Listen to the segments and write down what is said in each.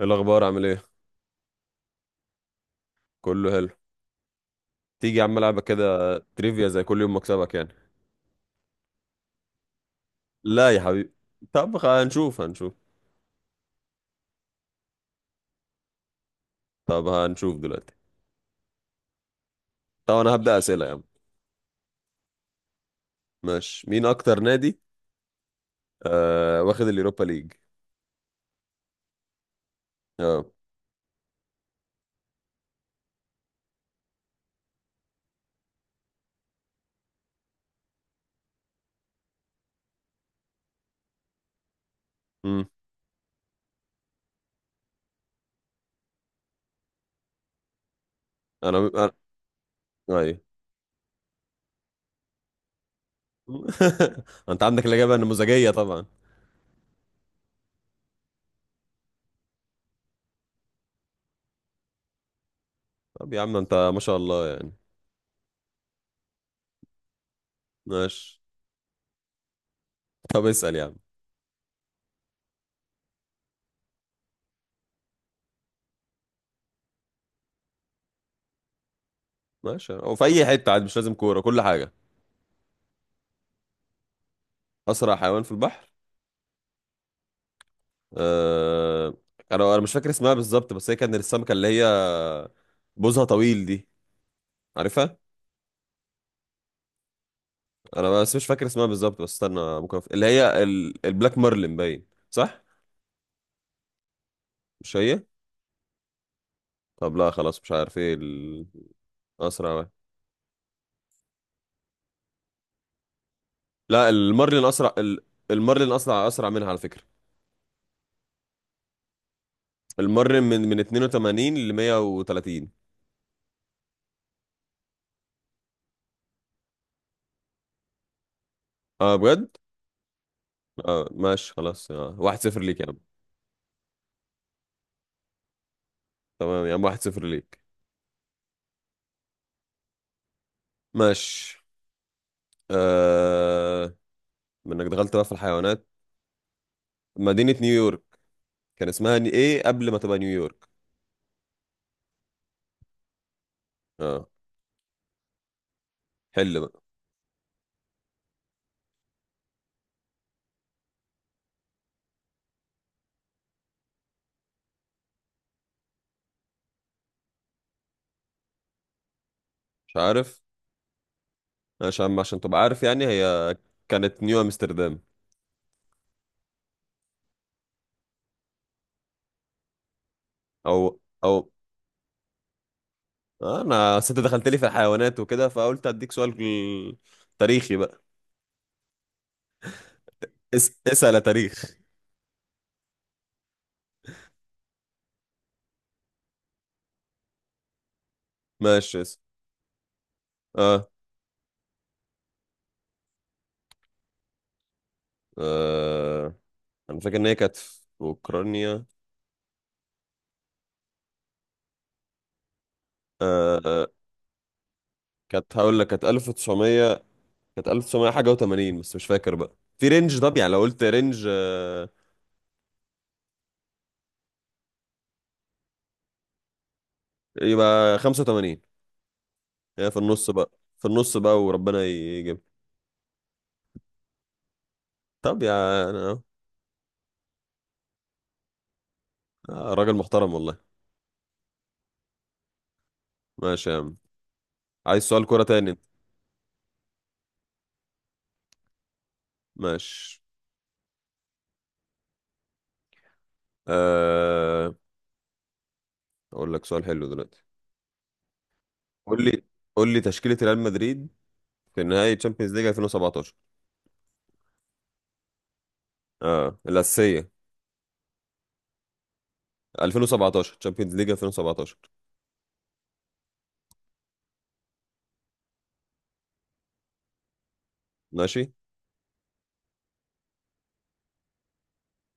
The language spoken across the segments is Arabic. ايه الاخبار، عامل ايه؟ كله حلو. تيجي يا عم العبك كده تريفيا زي كل يوم مكسبك يعني. لا يا حبيبي. طب، هنشوف. طب هنشوف دلوقتي. طب انا هبدأ اسئله يا عم. ماشي، مين اكتر نادي واخد اليوروبا ليج؟ اه. امم انا. ايوه. انت عندك الاجابه النموذجيه طبعا. طب يا عم، انت ما شاء الله يعني. ماشي. طب اسأل يا عم. ماشي، هو في اي حته عادي، مش لازم كوره كل حاجه. اسرع حيوان في البحر. آه، انا مش فاكر اسمها بالظبط، بس هي كان السمكه اللي هي بوزها طويل دي. عارفها. انا بس مش فاكر اسمها بالظبط، بس استنى ممكن اللي هي البلاك مارلin، باين صح؟ مش هي. طب لا، خلاص مش عارف ايه الاسرع واحد. لا، المارلin اسرع المارلين اسرع منها على فكره. المارلin من 82 ل 130. اه، بجد؟ اه ماشي، خلاص. 1-0 ليك يا عم. تمام يا عم، 1-0 ليك. ماشي. آه... منك دخلت بقى في الحيوانات. مدينة نيويورك كان اسمها ايه قبل ما تبقى نيويورك؟ اه، حل بقى. مش عارف؟ عشان تبقى عارف يعني، هي كانت نيو امستردام. او او انا ست دخلت لي في الحيوانات وكده، فقلت اديك سؤال تاريخي بقى. اسأل يا تاريخ. ماشي، اسأل. اه. آه. انا فاكر ان هي كانت في اوكرانيا. آه. آه، كانت هقول لك كانت 1900. كانت 1900 حاجة و80، بس مش فاكر بقى في رينج. طب يعني لو قلت رينج، يبقى 85. هي في النص بقى، في النص بقى، وربنا يجيب. طب يا، انا. راجل محترم والله. ماشي يا عم، عايز سؤال كرة تاني انت؟ ماشي. أه... اقول لك سؤال حلو دلوقتي. قول لي، تشكيلة ريال مدريد في نهائي تشامبيونز ليج 2017. اه، الأساسية. 2017، تشامبيونز ليج 2017. ماشي،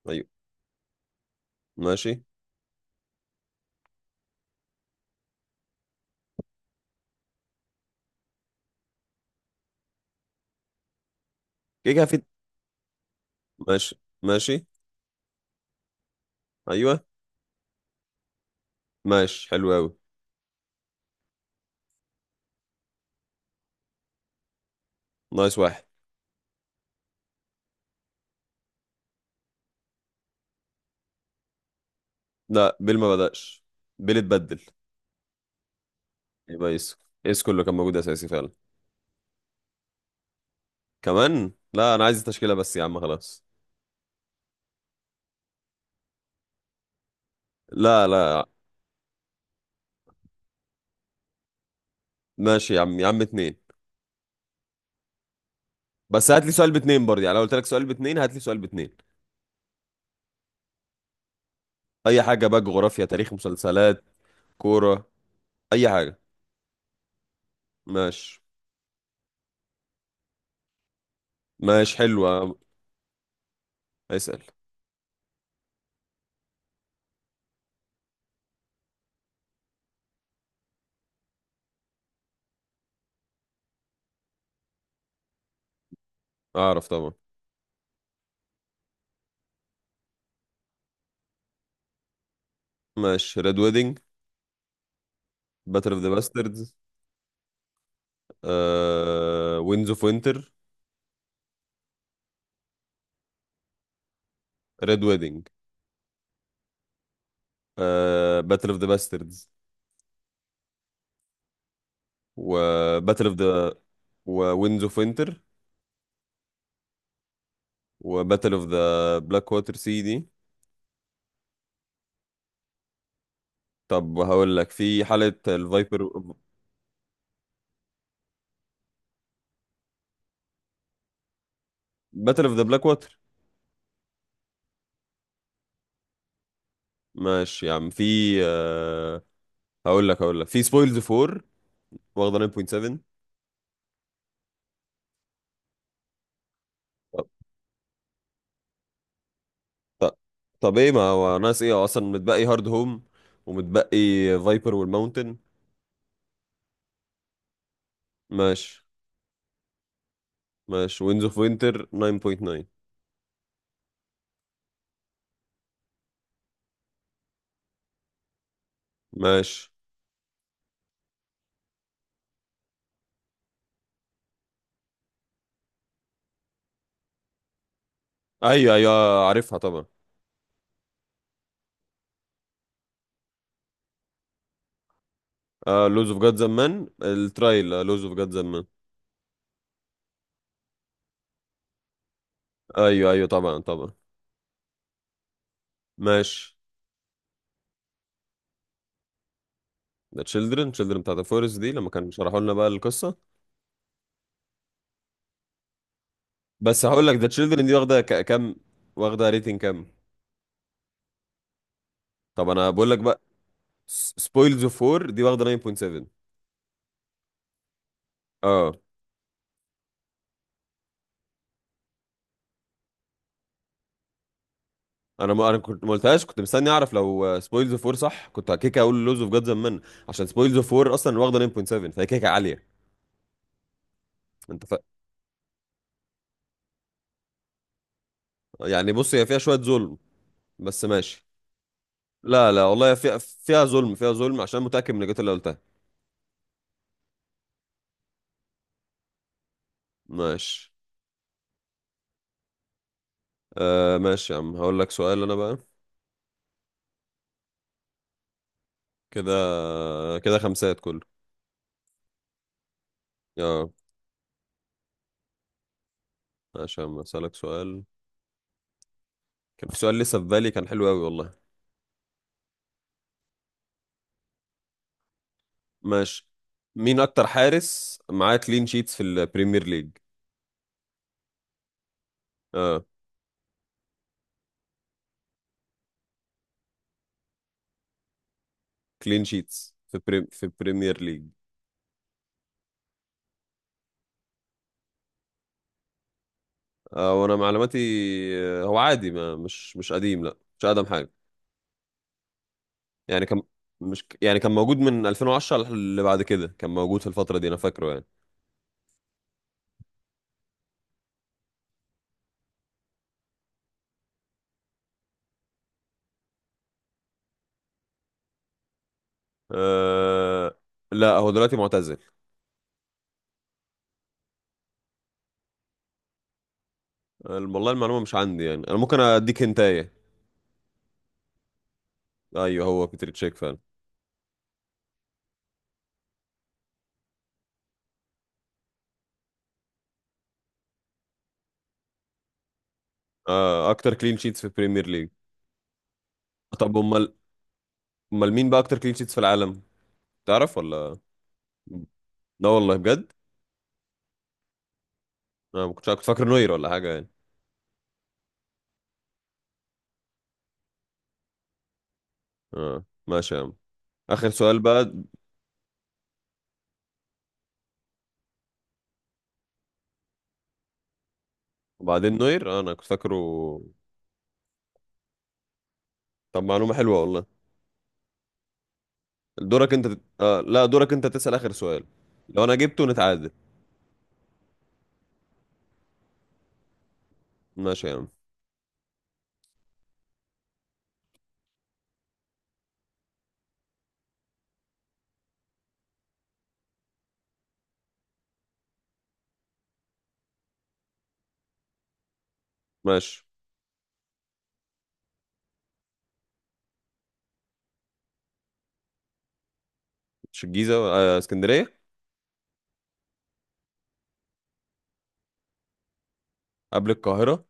ايوه. ماشي، كيكا في. ماشي. ماشي، ايوه. ماشي، حلو قوي. نايس، واحد. لا، بيل ما بدأش. بيل اتبدل. يبقى يس. يس، كله كان موجود اساسي فعلا. كمان؟ لا، انا عايز التشكيله بس يا عم، خلاص. لا، لا. ماشي يا عم، يا عم، اتنين. بس هات لي سؤال باتنين برضه، يعني لو قلت لك سؤال باتنين هات لي سؤال باتنين. اي حاجه بقى، جغرافيا، تاريخ، مسلسلات، كوره، اي حاجه. ماشي. ماشي، حلوه. اسال. اعرف طبعا. ماشي، ريد ويدنج، باتل اوف ذا باستردز، وينز اوف وينتر. ريد ويدنج. باتل اوف ذا باستردز. وباتل اوف ذا وينز اوف وينتر وباتل اوف ذا بلاك ووتر سي دي. طب هقول لك في حالة الفايبر، باتل اوف ذا بلاك واتر. ماشي يا عم، في آه، هقول لك في سبويلز 4 واخدة 9.7. طب طب طب، ايه ما هو ناقص ايه، هو اصلا متبقي هارد هوم، ومتبقي فايبر والماونتن. ماشي. ماشي، وينز اوف وينتر 9.9. ماشي. ايوه، ايوه، عارفها طبعا. لوز اوف جاد زمان، الترايل، لوز اوف جاد زمان. ايوه، ايوه، طبعا، طبعا. ماشي. ده تشيلدرن، تشيلدرن بتاعت الفورست دي لما كانوا شرحوا لنا بقى القصة. بس هقول لك ذا تشيلدرن دي واخده كام، واخده ريتنج كام؟ طب انا بقول لك بقى، سبويلز اوف 4 دي واخده 9.7. اه، انا ما كنت ما قلتهاش، كنت مستني اعرف لو سبويلز اوف 4 صح كنت كيكه اقول لوز اوف جاد زمان. عشان سبويلز اوف 4 اصلا واخده 9.7، فهي كيكه عاليه. انت ف... يعني بص، هي فيها شويه ظلم، بس ماشي. لا، لا، والله فيها ظلم، فيها ظلم، عشان متاكد من الإجابات اللي قلتها. ماشي. ماشي يا عم، هقول لك سؤال انا بقى. كده. كده خمسات كله. اه، عشان اسالك سؤال كان في سؤال لسه في بالي كان حلو قوي والله. ماشي. مين اكتر حارس معاه كلين شيتس في البريمير ليج؟ اه، كلين شيتس في البريمير ليج. وانا معلوماتي. هو عادي، ما مش قديم، لا، مش اقدم حاجه. يعني كان، مش يعني، كان موجود من 2010 اللي بعد كده، كان موجود في الفتره دي انا فاكره يعني. آه لا، هو دلوقتي معتزل. والله المعلومه مش عندي يعني، انا ممكن اديك هنتايه. ايوه، هو بيتر تشيك فعلا. اكتر كلين شيتس في البريمير ليج. طب امال، مين بقى اكتر كلين شيتس في العالم؟ تعرف ولا؟ لا والله، بجد؟ انا ما كنتش، كنت فاكر نوير ولا حاجه يعني. اه ماشي يا عم، اخر سؤال بقى. وبعدين نوير. انا كنت فاكره. طب، معلومه حلوه والله. دورك انت لا، دورك انت تسال اخر سؤال. لو انا جبته نتعادل. ماشي يا عم. ماشي، مش الجيزه، اسكندريه؟ قبل القاهره.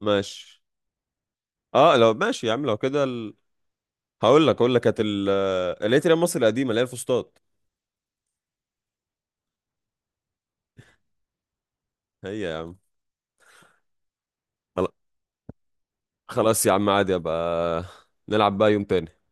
ماشي. اه، لو ماشي يا عم لو كده هقول لك كانت اللي هي تيران مصر القديمه، اللي هي الفسطاط. هي، يا عم. خلاص يا عم، عادي، ابقى نلعب بقى يوم تاني.